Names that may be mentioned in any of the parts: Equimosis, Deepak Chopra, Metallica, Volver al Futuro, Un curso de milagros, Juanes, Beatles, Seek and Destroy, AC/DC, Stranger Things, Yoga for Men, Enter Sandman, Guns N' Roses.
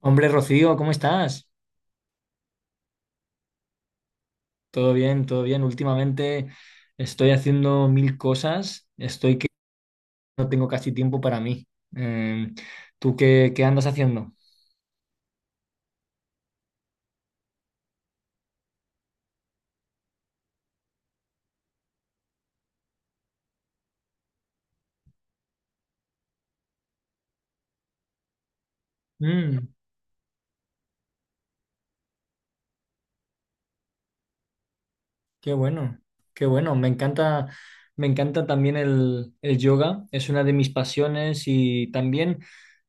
Hombre, Rocío, ¿cómo estás? Todo bien, todo bien. Últimamente estoy haciendo mil cosas, estoy que no tengo casi tiempo para mí. Eh, ¿Tú qué andas haciendo? Qué bueno, qué bueno. Me encanta también el yoga. Es una de mis pasiones y también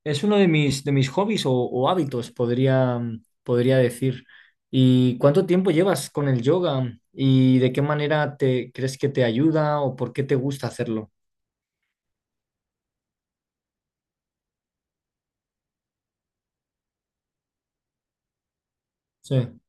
es uno de mis hobbies o hábitos, podría decir. ¿Y cuánto tiempo llevas con el yoga? ¿Y de qué manera te crees que te ayuda o por qué te gusta hacerlo? Sí.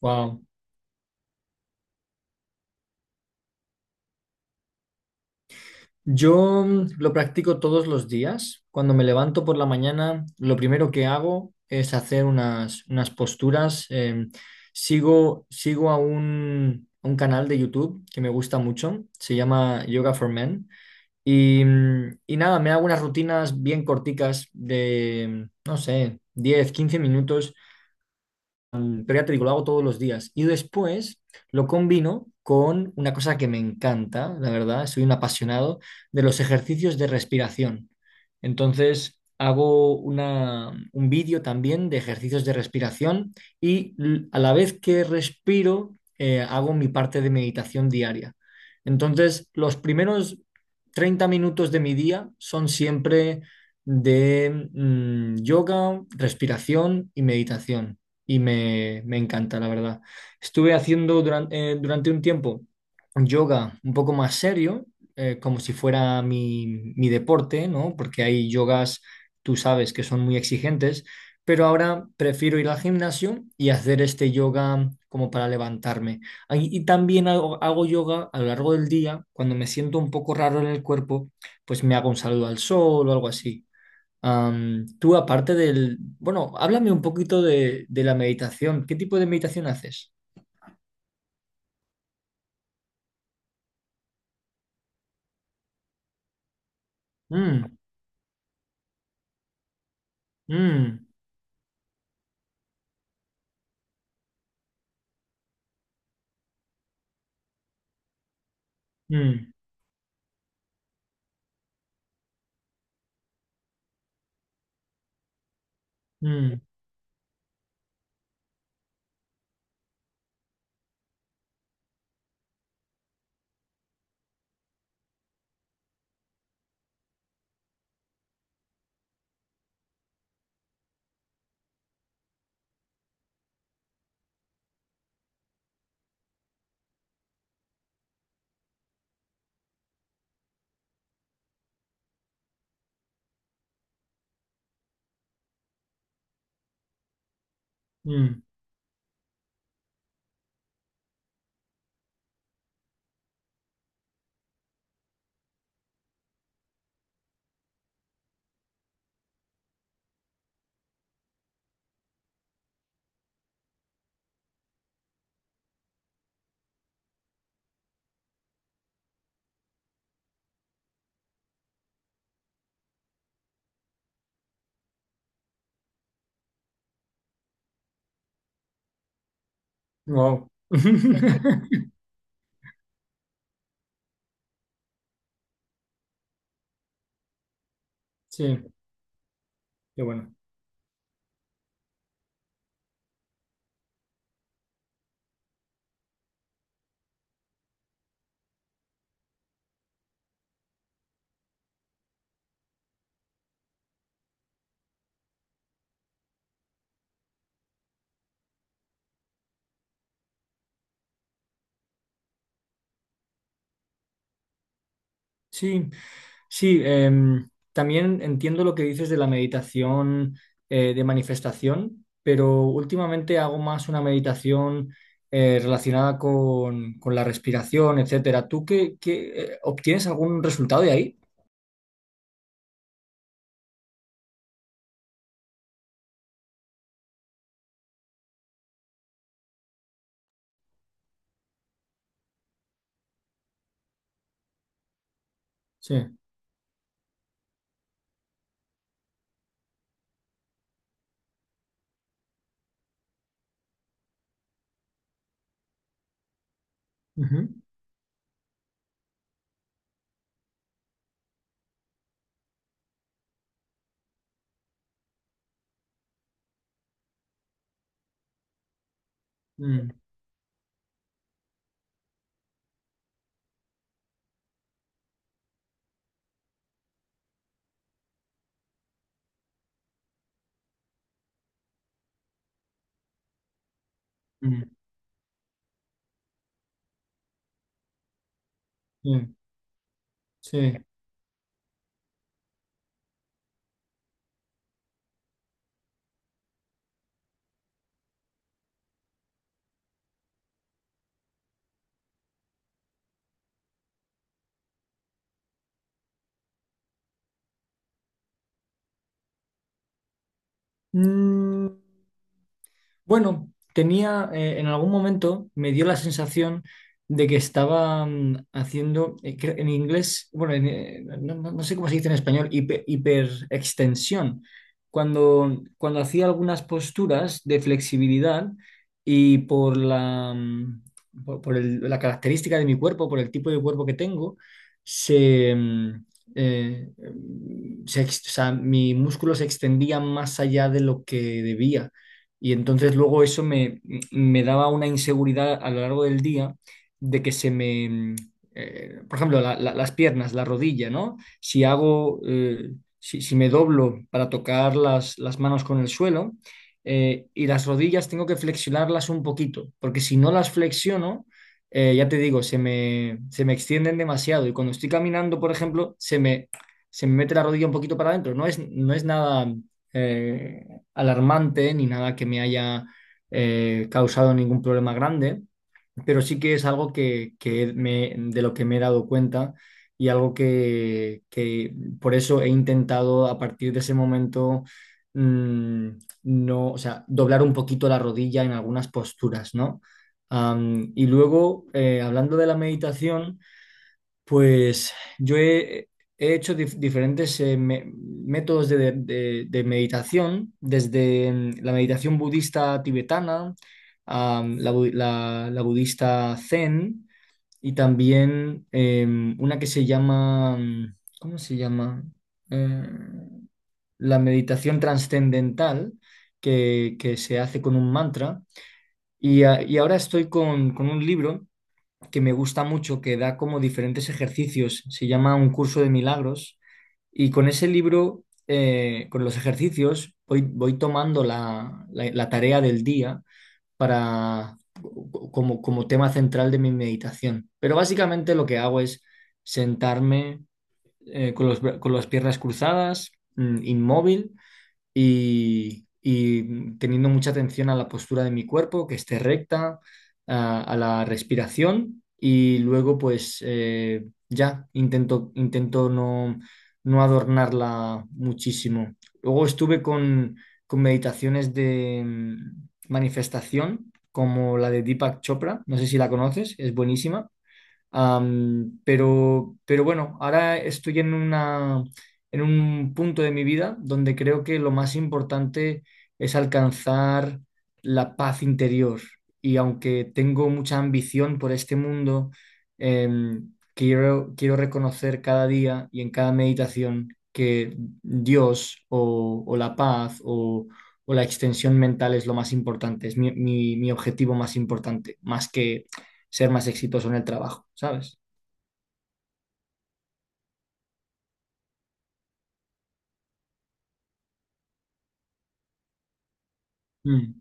Wow. Yo lo practico todos los días. Cuando me levanto por la mañana, lo primero que hago es hacer unas posturas. Sigo a a un canal de YouTube que me gusta mucho. Se llama Yoga for Men. Y nada, me hago unas rutinas bien corticas de, no sé, 10 15 minutos pero ya lo hago todos los días. Y después lo combino con una cosa que me encanta, la verdad, soy un apasionado de los ejercicios de respiración. Entonces, hago un vídeo también de ejercicios de respiración y a la vez que respiro, hago mi parte de meditación diaria. Entonces, los primeros 30 minutos de mi día son siempre de yoga, respiración y meditación y me encanta, la verdad. Estuve haciendo durante un tiempo yoga un poco más serio, como si fuera mi deporte, ¿no? Porque hay yogas, tú sabes, que son muy exigentes, pero ahora prefiero ir al gimnasio y hacer este yoga como para levantarme. Ay, y también hago yoga a lo largo del día, cuando me siento un poco raro en el cuerpo, pues me hago un saludo al sol o algo así. Am, tú, aparte del... Bueno, háblame un poquito de la meditación. ¿Qué tipo de meditación haces? Mm, mm, mm, mm, mm. Wow. Sí, qué bueno. Sí, sí, también entiendo lo que dices de la meditación de manifestación, pero últimamente hago más una meditación relacionada con la respiración, etcétera. ¿Tú qué, obtienes algún resultado de ahí? Sí. Mm, mm, sí, sí. Mm, Bueno, tenía, en algún momento me dio la sensación de que estaba haciendo, en inglés, bueno, en, no, no- no sé cómo se dice en español, hiperextensión. Cuando hacía algunas posturas de flexibilidad y por la característica de mi cuerpo, por el tipo de cuerpo que tengo, se, mm, mm, se ex- o sea, mi músculo se extendía más allá de lo que debía. Y entonces luego eso me daba una inseguridad a lo largo del día de que por ejemplo, las piernas, la rodilla, ¿no? Si si me doblo para tocar las manos con el suelo y las rodillas tengo que flexionarlas un poquito, porque si no las flexiono, ya te digo, se me extienden demasiado y cuando estoy caminando, por ejemplo, se me mete la rodilla un poquito para adentro. No es nada eh, alarmante ni nada que me haya causado ningún problema grande, pero sí que es algo de lo que me he dado cuenta y algo que por eso he intentado a partir de ese momento mm, no, o sea, doblar un poquito la rodilla en algunas posturas, ¿no? Y luego, hablando de la meditación, pues yo he hecho diferentes métodos de meditación, desde la meditación budista tibetana, a la budista zen y también una que se llama, ¿cómo se llama? Eh, la meditación trascendental que se hace con un mantra. Y ahora estoy con un libro que me gusta mucho, que da como diferentes ejercicios. Se llama Un curso de milagros. Y con ese libro, con los ejercicios, voy tomando la tarea del día para, como tema central de mi meditación. Pero básicamente lo que hago es sentarme con las piernas cruzadas, inmóvil, y teniendo mucha atención a la postura de mi cuerpo, que esté recta, a la respiración y luego pues ya intento no adornarla muchísimo. Luego estuve con meditaciones de manifestación como la de Deepak Chopra, no sé si la conoces, es buenísima. Pero bueno, ahora estoy en un punto de mi vida donde creo que lo más importante es alcanzar la paz interior. Y aunque tengo mucha ambición por este mundo, quiero reconocer cada día y en cada meditación que Dios o la paz o la extensión mental es lo más importante, es mi objetivo más importante, más que ser más exitoso en el trabajo, ¿sabes? Mm,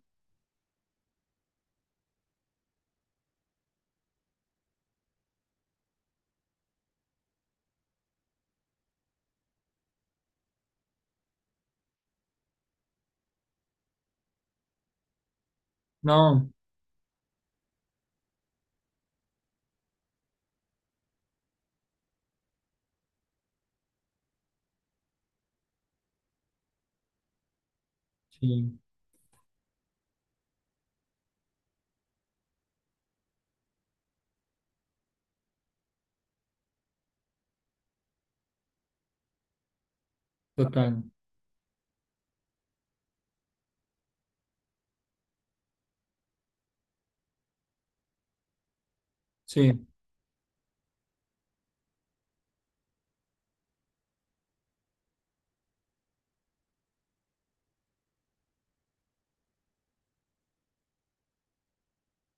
no, sí, total. Sí,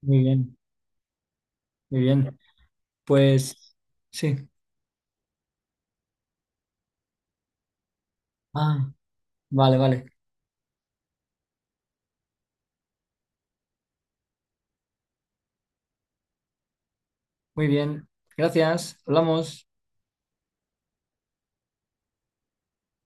muy bien, muy bien. Pues sí. Ah, vale, vale. Muy bien. Gracias. Hablamos.